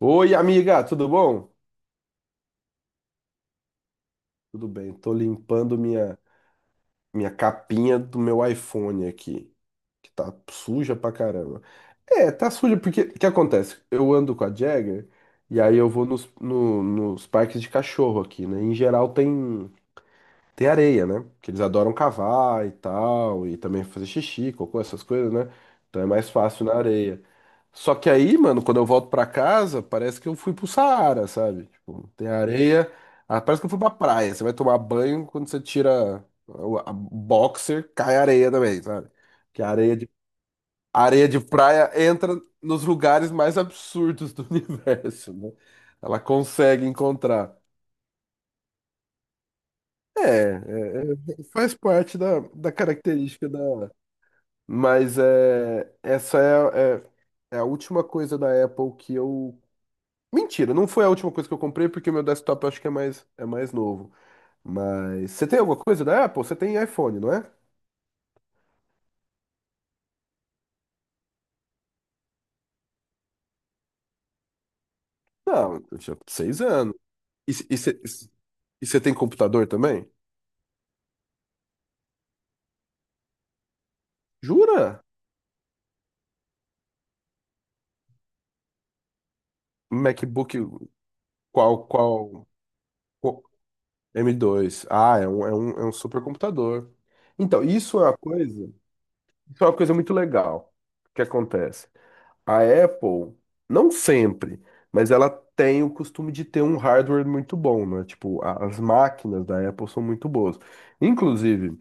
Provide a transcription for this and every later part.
Oi, amiga, tudo bom? Tudo bem, tô limpando minha capinha do meu iPhone aqui, que tá suja pra caramba. É, tá suja porque, o que acontece? Eu ando com a Jagger e aí eu vou nos, no- nos parques de cachorro aqui, né? Em geral Tem areia, né? Que eles adoram cavar e tal, e também fazer xixi, cocô, essas coisas, né? Então é mais fácil na areia. Só que aí, mano, quando eu volto pra casa, parece que eu fui pro Saara, sabe? Tipo, tem areia, ah, parece que eu fui pra praia. Você vai tomar banho, quando você tira o a boxer, cai areia também, sabe? Que a areia de, A areia de praia entra nos lugares mais absurdos do universo, né? Ela consegue encontrar. É, é, é, faz parte da característica da. Mas é a última coisa da Apple que eu. Mentira, não foi a última coisa que eu comprei, porque meu desktop eu acho que é mais novo. Mas você tem alguma coisa da Apple? Você tem iPhone, não é? Não, eu tinha seis anos. E e você e você tem computador também? Jura? MacBook, qual, qual, qual- m dois? Ah, é um supercomputador. Então, isso é uma coisa. Isso é uma coisa muito legal que acontece. A Apple, não sempre, mas ela tem o costume de ter um hardware muito bom, né? Tipo, as máquinas da Apple são muito boas. Inclusive,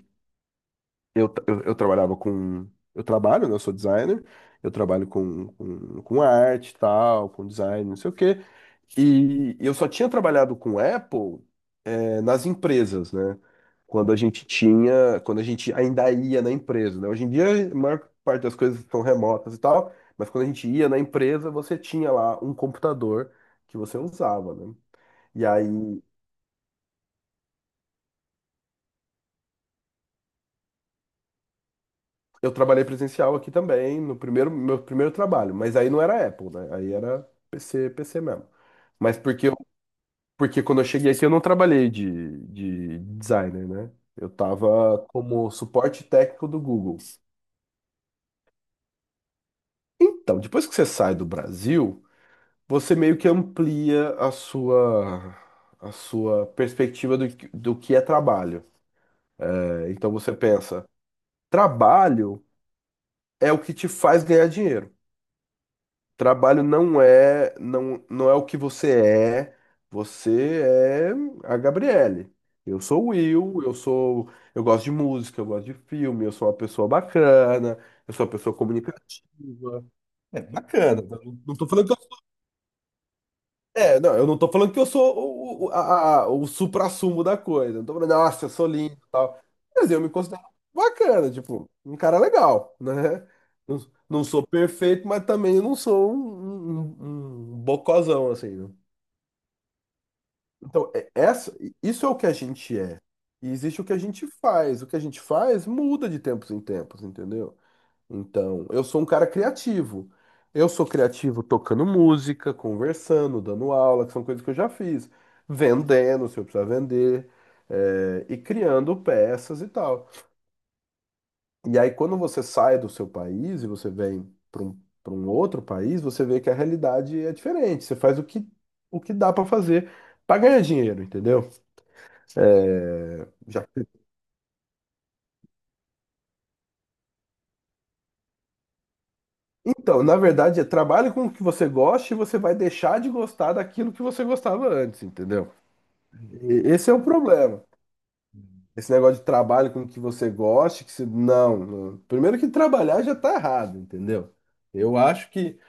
eu trabalhava com. Eu trabalho, né? Eu sou designer, eu trabalho com arte e tal, com design, não sei o quê. E eu só tinha trabalhado com Apple é, nas empresas, né? Quando a gente tinha, quando a gente ainda ia na empresa, né? Hoje em dia, a maior parte das coisas são remotas e tal, mas quando a gente ia na empresa, você tinha lá um computador que você usava, né? E aí eu trabalhei presencial aqui também, no primeiro meu primeiro trabalho, mas aí não era Apple, né? Aí era PC, PC mesmo. Mas porque eu, porque quando eu cheguei aqui eu não trabalhei de designer, né? Eu tava como suporte técnico do Google. Então, depois que você sai do Brasil, você meio que amplia a sua perspectiva do, do que é trabalho. É, então você pensa, trabalho é o que te faz ganhar dinheiro. Trabalho não é o que você é. Você é a Gabriele. Eu sou o Will, eu gosto de música, eu gosto de filme, eu sou uma pessoa bacana, eu sou uma pessoa comunicativa. É bacana, eu não tô falando que É, não, eu não tô falando que eu sou o suprassumo da coisa. Não tô falando, nossa, eu sou lindo e tal. Mas eu me considero bacana, tipo, um cara legal, né? Não, não sou perfeito, mas também eu não sou um bocozão, assim, né? Então, isso é o que a gente é. E existe o que a gente faz. O que a gente faz muda de tempos em tempos, entendeu? Então, eu sou um cara criativo. Eu sou criativo tocando música, conversando, dando aula, que são coisas que eu já fiz. Vendendo, se eu precisar vender, e criando peças e tal. E aí, quando você sai do seu país e você vem para um outro país, você vê que a realidade é diferente. Você faz o que dá para fazer para ganhar dinheiro, entendeu? É, Já- Então, na verdade, é trabalho com o que você gosta e você vai deixar de gostar daquilo que você gostava antes, entendeu? E Esse é o problema. Esse negócio de trabalho com o que você goste, que se... não, não. Primeiro que trabalhar já tá errado, entendeu? Eu acho que,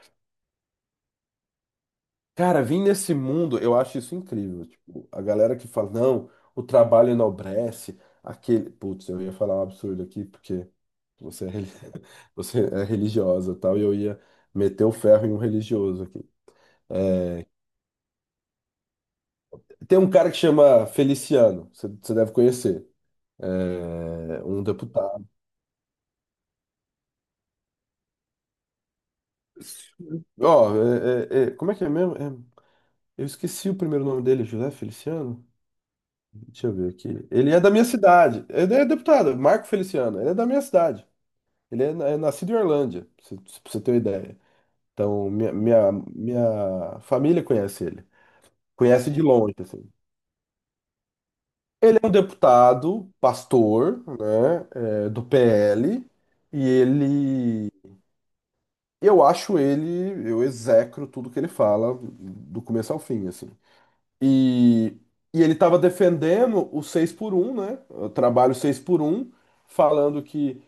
cara, vir nesse mundo, eu acho isso incrível. Tipo, a galera que fala, não, o trabalho enobrece, aquele. Putz, eu ia falar um absurdo aqui, porque você é, reli- você é religiosa e tal, e eu ia meter o ferro em um religioso aqui. É, Tem um cara que chama Feliciano, você deve conhecer. É um deputado. Ó, como é que é mesmo? É, eu esqueci o primeiro nome dele, José Feliciano? Deixa eu ver aqui. Ele é da minha cidade. Ele é deputado, Marco Feliciano. Ele é da minha cidade. Ele é, é nascido em Orlândia, pra você ter uma ideia. Então, minha família conhece ele. Conhece de longe, assim. Ele é um deputado, pastor, né, é, do PL, e ele, eu acho ele, eu execro tudo que ele fala, do começo ao fim, assim. E, e ele estava defendendo o 6 por um né? O trabalho 6 por um falando que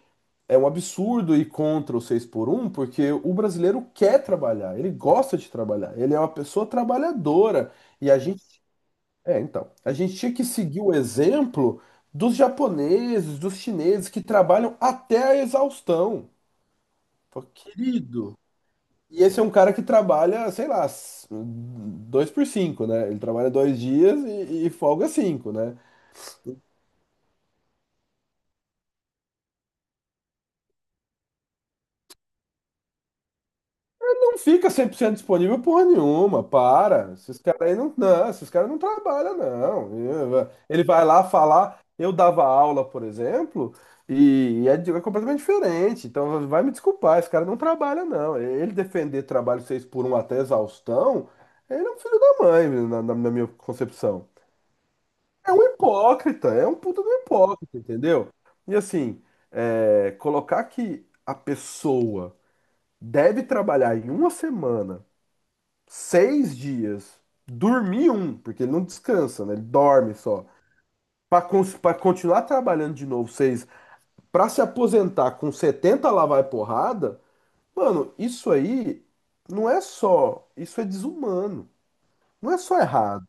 é um absurdo ir contra o 6 por um porque o brasileiro quer trabalhar, ele gosta de trabalhar, ele é uma pessoa trabalhadora. E a gente, é, então, a gente tinha que seguir o exemplo dos japoneses, dos chineses que trabalham até a exaustão. Pô, Querido, e esse é um cara que trabalha, sei lá, dois por cinco, né? Ele trabalha dois dias e folga cinco, né? Não fica 100% disponível porra nenhuma, para. Esses caras aí esses caras não trabalham, não. Ele vai lá falar, eu dava aula, por exemplo, é completamente diferente. Então vai me desculpar, esse cara não trabalha, não. Ele defender trabalho seis por um até exaustão, ele é um filho da mãe, na minha concepção. É um hipócrita, é um puta do hipócrita, entendeu? E assim, é, colocar que a pessoa deve trabalhar em uma semana, seis dias, dormir um, porque ele não descansa, né? Ele dorme só. Pra continuar trabalhando de novo, seis, pra se aposentar com 70 lá vai porrada, mano, isso aí não é só, isso é desumano. Não é só errado.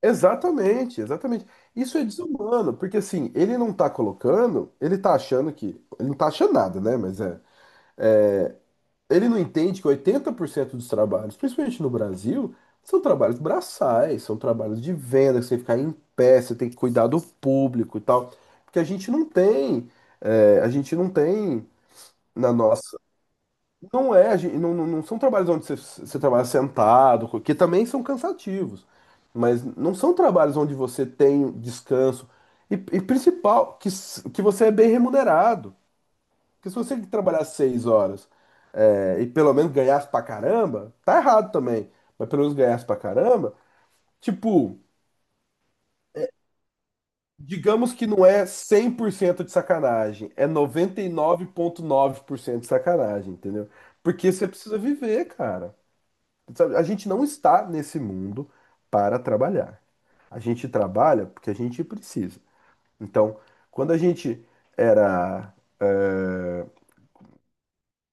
Exatamente, exatamente. Isso é desumano, porque assim, ele não tá colocando, ele tá achando que. Ele não tá achando nada, né? Mas é. É, ele não entende que 80% dos trabalhos, principalmente no Brasil, são trabalhos braçais, são trabalhos de venda, que você tem que ficar em pé, você tem que cuidar do público e tal. Porque a gente não tem. É, a gente não tem na nossa. Não é, gen- não são trabalhos onde você, você trabalha sentado, que também são cansativos, mas não são trabalhos onde você tem descanso. E principal, que, s- que você é bem remunerado. Porque se você trabalhar seis horas é, e pelo menos ganhasse pra caramba, tá errado também, mas pelo menos ganhasse pra caramba, tipo, digamos que não é 100% de sacanagem, é noventa e nove vírgula nove por cento de sacanagem, entendeu? Porque você precisa viver, cara. Sabe, a gente não está nesse mundo para trabalhar. A gente trabalha porque a gente precisa. Então, quando a gente era, eh,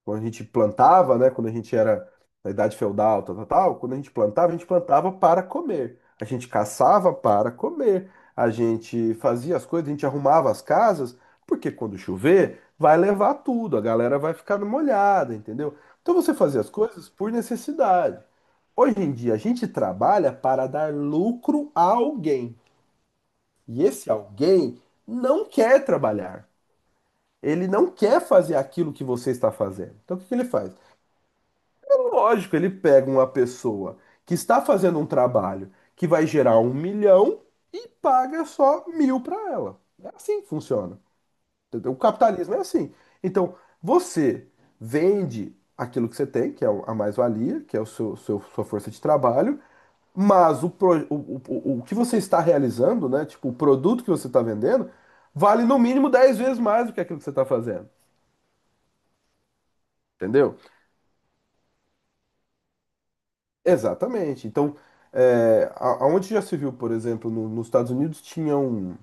quando a gente plantava, né, quando a gente era na idade feudal, tal, tal, tal, quando a gente plantava para comer. A gente caçava para comer. A gente fazia as coisas, a gente arrumava as casas, porque quando chover, vai levar tudo, a galera vai ficar molhada, entendeu? Então você fazia as coisas por necessidade. Hoje em dia, a gente trabalha para dar lucro a alguém. E esse alguém não quer trabalhar. Ele não quer fazer aquilo que você está fazendo. Então, o que que ele faz? Lógico, ele pega uma pessoa que está fazendo um trabalho que vai gerar um milhão e paga só mil para ela. É assim que funciona. Entendeu? O capitalismo é assim. Então, você vende aquilo que você tem, que é a mais-valia, que é o sua força de trabalho, mas o, pro- o que você está realizando, né? Tipo, o produto que você está vendendo, vale no mínimo 10 vezes mais do que aquilo que você está fazendo. Entendeu? Exatamente. Então, é, aonde já se viu, por exemplo, nos Estados Unidos, tinha um,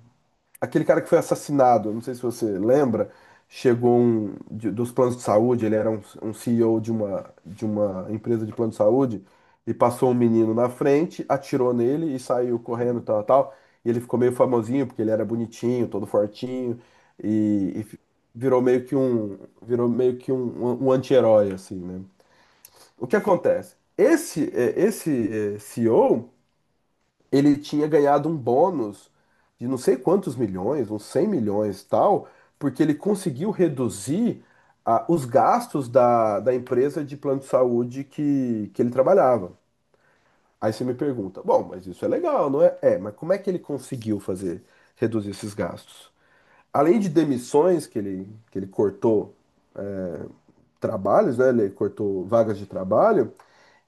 aquele cara que foi assassinado, não sei se você lembra, chegou um, dos planos de saúde, ele era um CEO de uma empresa de plano de saúde, e passou um menino na frente, atirou nele e saiu correndo, tal, tal, e ele ficou meio famosinho, porque ele era bonitinho, todo fortinho, e, e fi- virou meio que um, virou meio que um anti-herói, assim, né? O que acontece? CEO, ele tinha ganhado um bônus de não sei quantos milhões, uns 100 milhões e tal, porque ele conseguiu reduzir ah, os gastos da empresa de plano de saúde que ele trabalhava. Aí você me pergunta, bom, mas isso é legal, não é? É, mas como é que ele conseguiu fazer, reduzir esses gastos? Além de demissões, que ele cortou trabalhos, né? Ele cortou vagas de trabalho,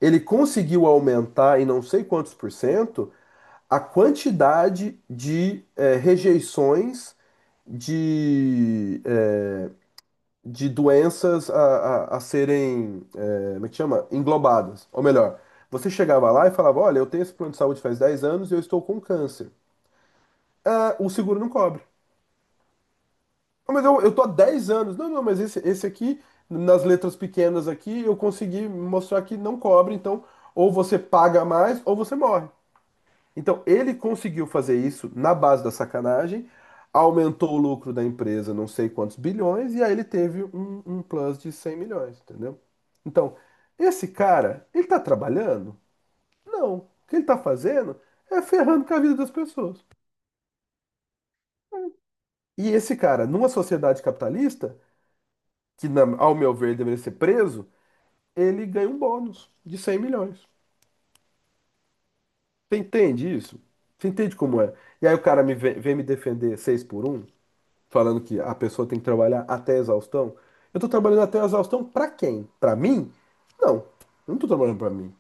ele conseguiu aumentar em não sei quantos por cento a quantidade de rejeições de, eh, de doenças a serem, como é que chama? Englobadas. Ou melhor, você chegava lá e falava: Olha, eu tenho esse plano de saúde faz 10 anos e eu estou com câncer. Ah, o seguro não cobre. "Ah, mas eu tô há 10 anos. Não, não, mas esse aqui, nas letras pequenas aqui, eu consegui mostrar que não cobre, então ou você paga mais ou você morre. Então, ele conseguiu fazer isso na base da sacanagem, aumentou o lucro da empresa não sei quantos bilhões, e aí ele teve um plus de 100 milhões, entendeu? Então, esse cara, ele tá trabalhando? Não. O que ele tá fazendo é ferrando com a vida das pessoas. E esse cara, numa sociedade capitalista, que ao meu ver deveria ser preso, ele ganha um bônus de 100 milhões. Você entende isso? Você entende como é? E aí o cara me vem me defender 6x1? Falando que a pessoa tem que trabalhar até a exaustão. Eu tô trabalhando até a exaustão pra quem? Pra mim? Não, eu não tô trabalhando pra mim.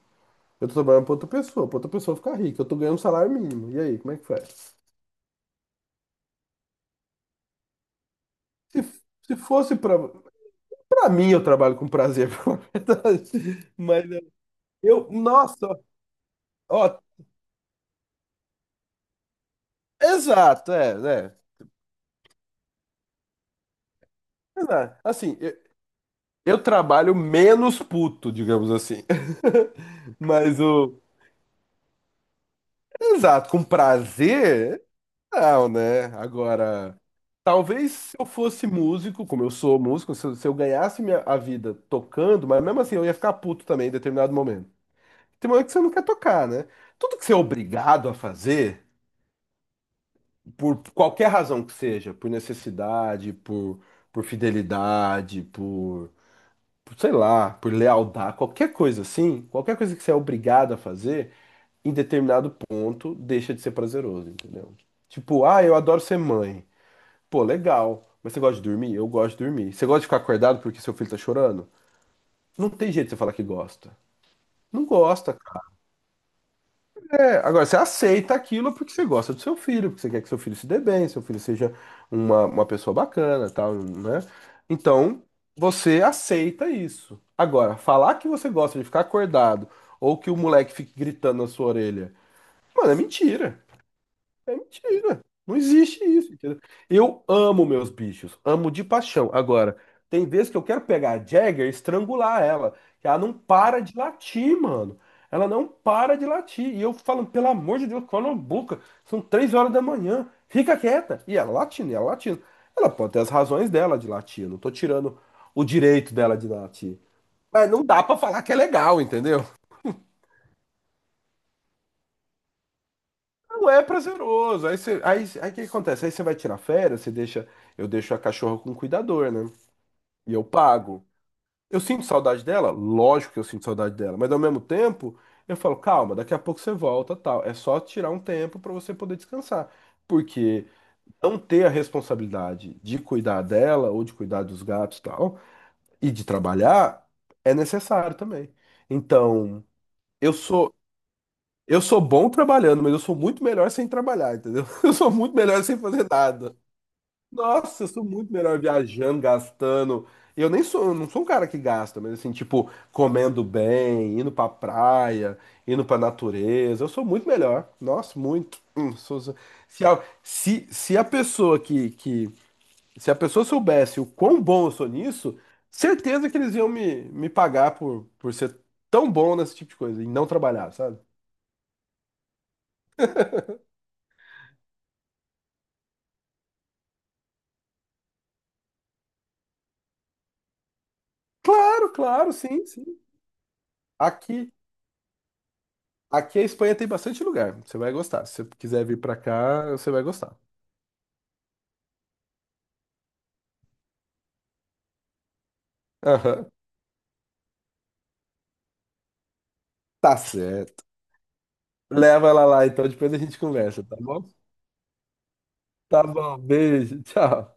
Eu tô trabalhando pra outra pessoa ficar rica. Eu tô ganhando um salário mínimo. E aí, como é que faz? Se, se fosse pra mim, eu trabalho com prazer, pra verdade. Mas nossa, ó, exato, é, né? Exato. Assim, eu trabalho menos puto, digamos assim. Mas o. Exato, com prazer, não, né? Agora, talvez se eu fosse músico, como eu sou músico, se eu ganhasse a vida tocando, mas mesmo assim eu ia ficar puto também em determinado momento. Tem momento que você não quer tocar, né? Tudo que você é obrigado a fazer, por qualquer razão que seja, por necessidade, por fidelidade, sei lá, por lealdade, qualquer coisa assim, qualquer coisa que você é obrigado a fazer, em determinado ponto, deixa de ser prazeroso, entendeu? Tipo, ah, eu adoro ser mãe. Pô, legal. Mas você gosta de dormir? Eu gosto de dormir. Você gosta de ficar acordado porque seu filho tá chorando? Não tem jeito de você falar que gosta. Não gosta. Cara. É, agora você aceita aquilo porque você gosta do seu filho, porque você quer que seu filho se dê bem, seu filho seja uma pessoa bacana, tal, né? Então, você aceita isso. Agora, falar que você gosta de ficar acordado ou que o moleque fique gritando na sua orelha, mano, é mentira. É mentira. Não existe isso, entendeu? Eu amo meus bichos, amo de paixão. Agora, tem vezes que eu quero pegar a Jagger e estrangular ela, que ela não para de latir, mano. Ela não para de latir. E eu falo, pelo amor de Deus, cala a boca. São 3 horas da manhã. Fica quieta. E ela latindo, e ela latindo. Ela pode ter as razões dela de latir. Eu não tô tirando o direito dela de latir. Mas não dá pra falar que é legal, entendeu? Não é prazeroso. Aí o que acontece? Aí você vai tirar férias, eu deixo a cachorra com o cuidador, né? E eu pago. Eu sinto saudade dela? Lógico que eu sinto saudade dela, mas ao mesmo tempo, eu falo, calma, daqui a pouco você volta, tal. É só tirar um tempo pra você poder descansar. Porque não ter a responsabilidade de cuidar dela ou de cuidar dos gatos, tal, e de trabalhar é necessário também. Então, eu sou eu sou bom trabalhando, mas eu sou muito melhor sem trabalhar, entendeu? Eu sou muito melhor sem fazer nada. Nossa, eu sou muito melhor viajando, gastando. Eu não sou um cara que gasta, mas assim, tipo, comendo bem, indo pra praia, indo pra natureza. Eu sou muito melhor. Nossa, muito. Se, a, se, se a pessoa que, que. Se a pessoa soubesse o quão bom eu sou nisso, certeza que eles iam me pagar por ser tão bom nesse tipo de coisa e não trabalhar, sabe? Claro, claro, sim, sim. Aqui, aqui a Espanha tem bastante lugar. Você vai gostar. Se você quiser vir pra cá, você vai gostar. Aham. Tá certo. Leva ela lá, então depois a gente conversa, tá bom? Tá bom, beijo, tchau.